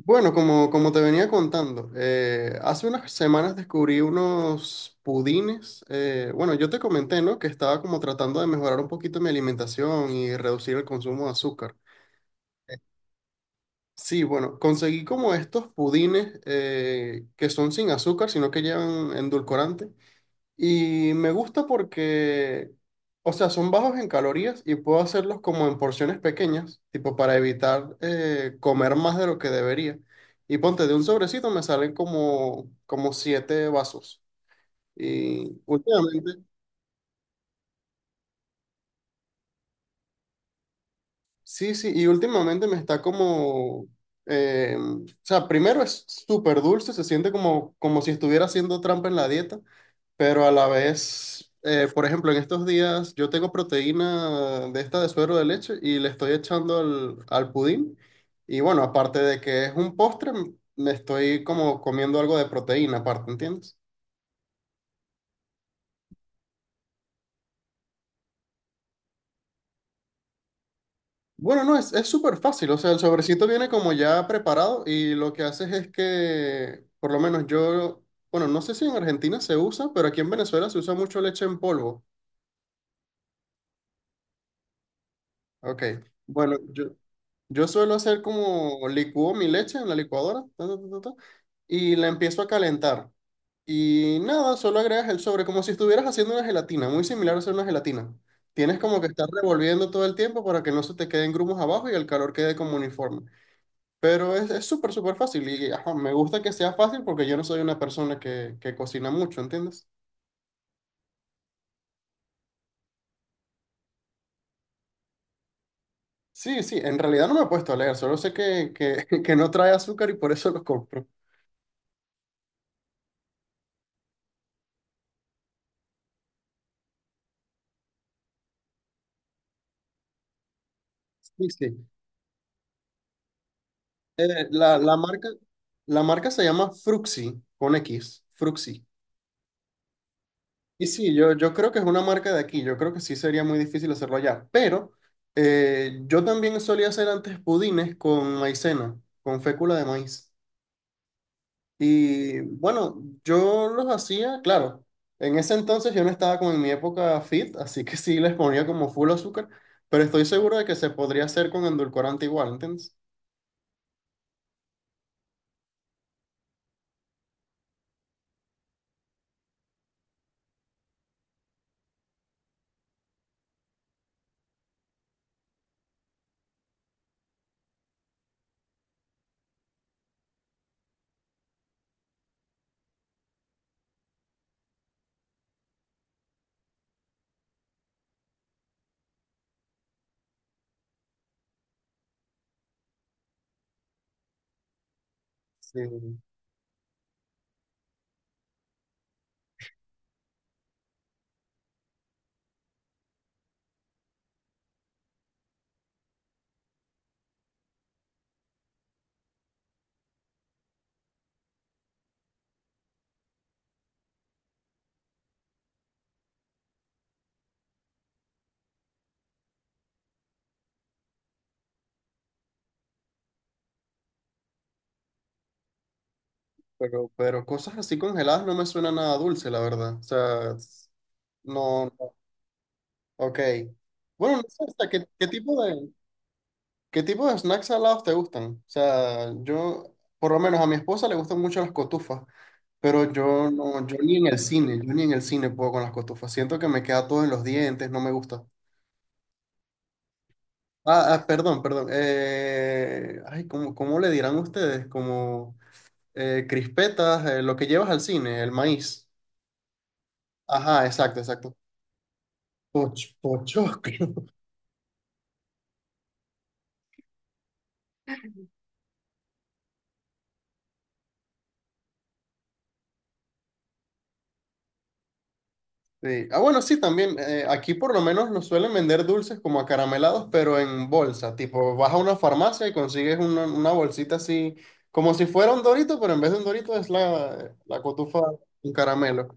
Bueno, como te venía contando, hace unas semanas descubrí unos pudines. Bueno, yo te comenté, ¿no? Que estaba como tratando de mejorar un poquito mi alimentación y reducir el consumo de azúcar. Sí, bueno, conseguí como estos pudines que son sin azúcar, sino que llevan endulcorante. Y me gusta porque, o sea, son bajos en calorías y puedo hacerlos como en porciones pequeñas, tipo para evitar comer más de lo que debería. Y ponte, de un sobrecito me salen como siete vasos. Y últimamente, sí, sí, y últimamente me está como, o sea, primero es súper dulce, se siente como si estuviera haciendo trampa en la dieta. Pero a la vez, por ejemplo, en estos días yo tengo proteína de esta de suero de leche y le estoy echando al pudín. Y bueno, aparte de que es un postre, me estoy como comiendo algo de proteína aparte, ¿entiendes? Bueno, no, es súper fácil, o sea, el sobrecito viene como ya preparado y lo que haces es que, por lo menos yo, bueno, no sé si en Argentina se usa, pero aquí en Venezuela se usa mucho leche en polvo. Ok, bueno, yo suelo hacer como licúo mi leche en la licuadora ta, ta, ta, ta, ta, y la empiezo a calentar. Y nada, solo agregas el sobre, como si estuvieras haciendo una gelatina, muy similar a hacer una gelatina. Tienes como que estar revolviendo todo el tiempo para que no se te queden grumos abajo y el calor quede como uniforme. Pero es súper, súper fácil y ajá, me gusta que sea fácil porque yo no soy una persona que cocina mucho, ¿entiendes? Sí, sí, en realidad no me he puesto a leer, solo sé que no trae azúcar y por eso lo compro. Sí, sí. Eh, la, la marca, la marca se llama Fruxy, con X, Fruxy. Y sí, yo creo que es una marca de aquí, yo creo que sí sería muy difícil hacerlo allá, pero yo también solía hacer antes pudines con maicena, con fécula de maíz. Y bueno, yo los hacía, claro, en ese entonces yo no estaba como en mi época fit, así que sí les ponía como full azúcar, pero estoy seguro de que se podría hacer con endulcorante igual, ¿entiendes? Sí. Pero cosas así congeladas no me suena nada dulce, la verdad. O sea, no, no. Ok. Bueno, no sé, o sea, ¿Qué tipo de snacks salados te gustan? O sea, yo, por lo menos a mi esposa le gustan mucho las cotufas, pero yo no, yo ni en el cine, yo ni en el cine puedo con las cotufas. Siento que me queda todo en los dientes, no me gusta. Ah, perdón, perdón. Ay, ¿cómo le dirán ustedes? Como crispetas, lo que llevas al cine, el maíz. Ajá, exacto, exacto. Pochoclo. Sí. Ah, bueno, sí, también. Aquí por lo menos nos suelen vender dulces como acaramelados, pero en bolsa. Tipo, vas a una farmacia y consigues una bolsita así, como si fuera un Dorito, pero en vez de un Dorito es la cotufa, un caramelo.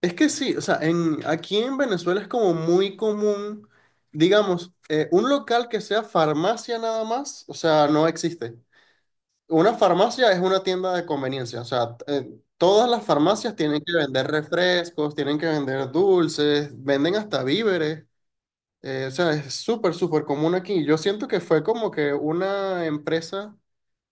Es que sí, o sea, aquí en Venezuela es como muy común, digamos, un local que sea farmacia nada más, o sea, no existe. Una farmacia es una tienda de conveniencia, o sea, todas las farmacias tienen que vender refrescos, tienen que vender dulces, venden hasta víveres, o sea, es súper, súper común aquí. Yo siento que fue como que una empresa,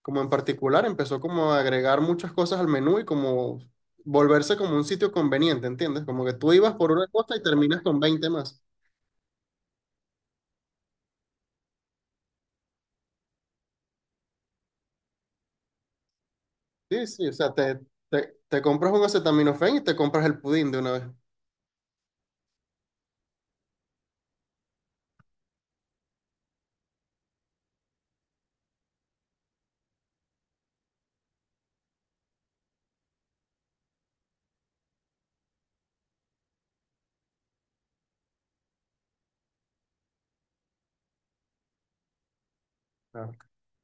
como en particular, empezó como a agregar muchas cosas al menú y como volverse como un sitio conveniente, ¿entiendes? Como que tú ibas por una cosa y terminas con 20 más. Sí, sí, o sea, te compras un acetaminofén y te compras el pudín de una vez. Claro.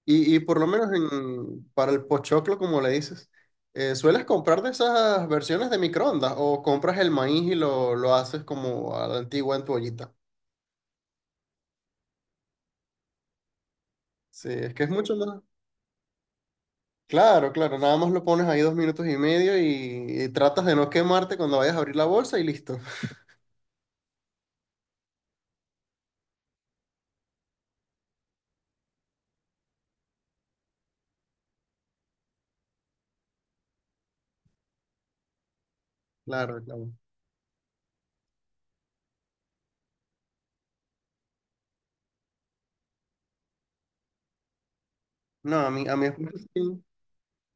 Y por lo menos para el pochoclo, como le dices, ¿sueles comprar de esas versiones de microondas o compras el maíz y lo haces como a la antigua en tu ollita? Sí, es que es mucho más. Claro, claro, nada más lo pones ahí 2 minutos y medio y tratas de no quemarte cuando vayas a abrir la bolsa y listo. Claro, claro. No, a mí es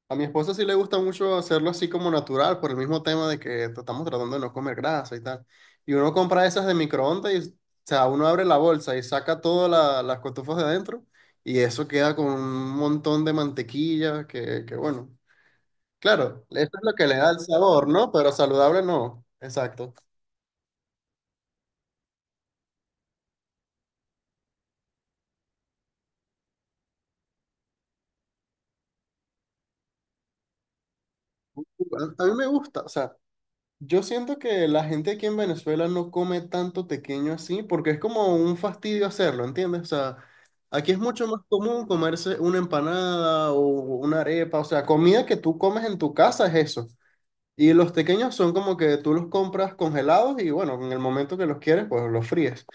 a mi esposa sí le gusta mucho hacerlo así como natural, por el mismo tema de que estamos tratando de no comer grasa y tal. Y uno compra esas de microondas y, o sea, uno abre la bolsa y saca todas las cotufas de adentro y eso queda con un montón de mantequilla que bueno. Claro, eso es lo que le da el sabor, ¿no? Pero saludable no. Exacto. A mí me gusta, o sea. Yo siento que la gente aquí en Venezuela no come tanto tequeño así porque es como un fastidio hacerlo, ¿entiendes? O sea, aquí es mucho más común comerse una empanada o una arepa, o sea, comida que tú comes en tu casa es eso. Y los tequeños son como que tú los compras congelados y bueno, en el momento que los quieres, pues los fríes.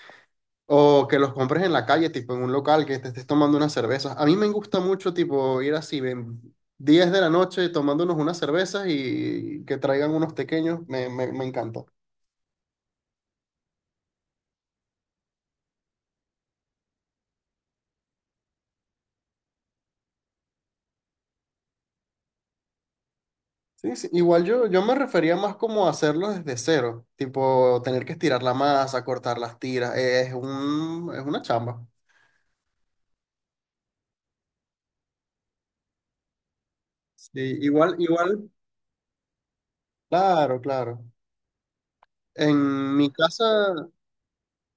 O que los compres en la calle, tipo en un local, que te estés tomando unas cervezas. A mí me gusta mucho, tipo, ir así, ven, 10 de la noche tomándonos unas cervezas y que traigan unos pequeños. Me encanta. Sí, sí. Igual yo me refería más como a hacerlo desde cero, tipo tener que estirar la masa, cortar las tiras, es una chamba. Sí, igual, igual, claro, claro. En mi casa,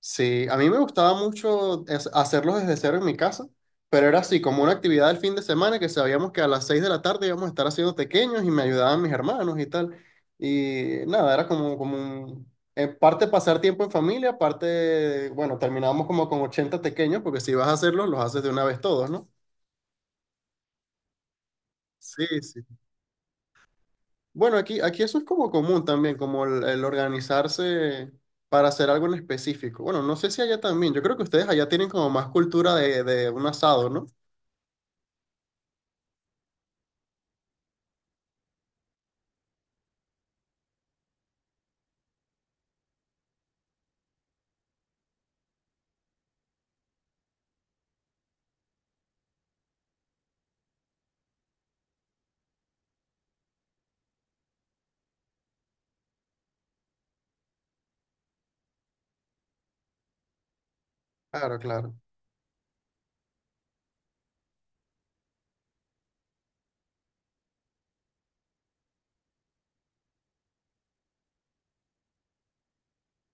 sí, a mí me gustaba mucho hacerlos desde cero en mi casa, pero era así como una actividad del fin de semana que sabíamos que a las 6 de la tarde íbamos a estar haciendo pequeños y me ayudaban mis hermanos y tal. Y nada, era como un, en parte pasar tiempo en familia, parte, bueno, terminábamos como con 80 pequeños porque si vas a hacerlos, los haces de una vez todos, ¿no? Sí, sí. Bueno, aquí eso es como común también, como el organizarse para hacer algo en específico. Bueno, no sé si allá también. Yo creo que ustedes allá tienen como más cultura de un asado, ¿no? Claro, claro,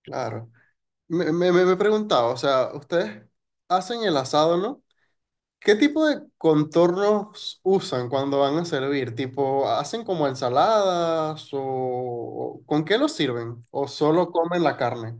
claro. Me he preguntado, o sea, ustedes hacen el asado, ¿no? ¿Qué tipo de contornos usan cuando van a servir? ¿Tipo, hacen como ensaladas o con qué lo sirven? ¿O solo comen la carne?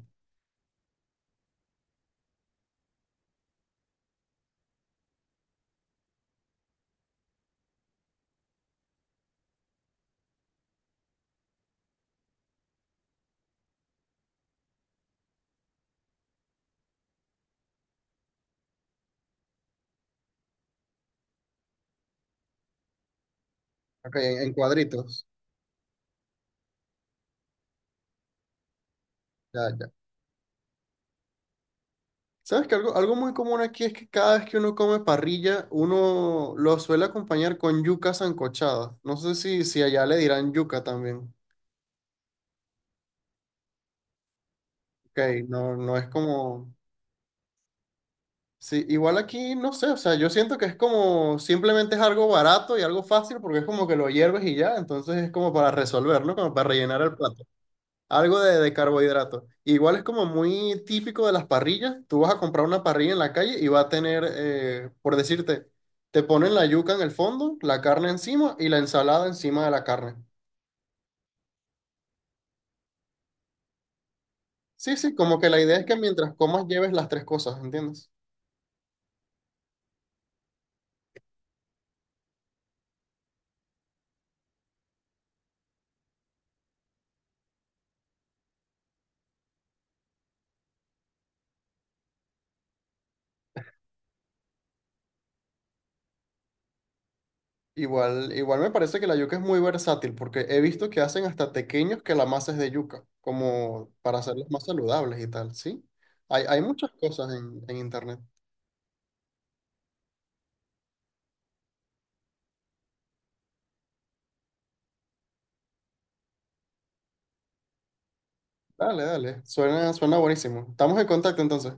Ok, en cuadritos. Ya, ya. ¿Sabes que algo muy común aquí es que cada vez que uno come parrilla, uno lo suele acompañar con yuca sancochada? No sé si allá le dirán yuca también. Ok, no, no es como... Sí, igual aquí, no sé, o sea, yo siento que es como simplemente es algo barato y algo fácil porque es como que lo hierves y ya, entonces es como para resolver, ¿no? Como para rellenar el plato. Algo de carbohidrato. Igual es como muy típico de las parrillas. Tú vas a comprar una parrilla en la calle y va a tener, por decirte, te ponen la yuca en el fondo, la carne encima y la ensalada encima de la carne. Sí, sí, como que la idea es que mientras comas lleves las tres cosas, ¿entiendes? Igual, igual me parece que la yuca es muy versátil porque he visto que hacen hasta tequeños que la masa es de yuca, como para hacerlos más saludables y tal, ¿sí? Hay muchas cosas en internet. Dale, dale, suena buenísimo. Estamos en contacto entonces.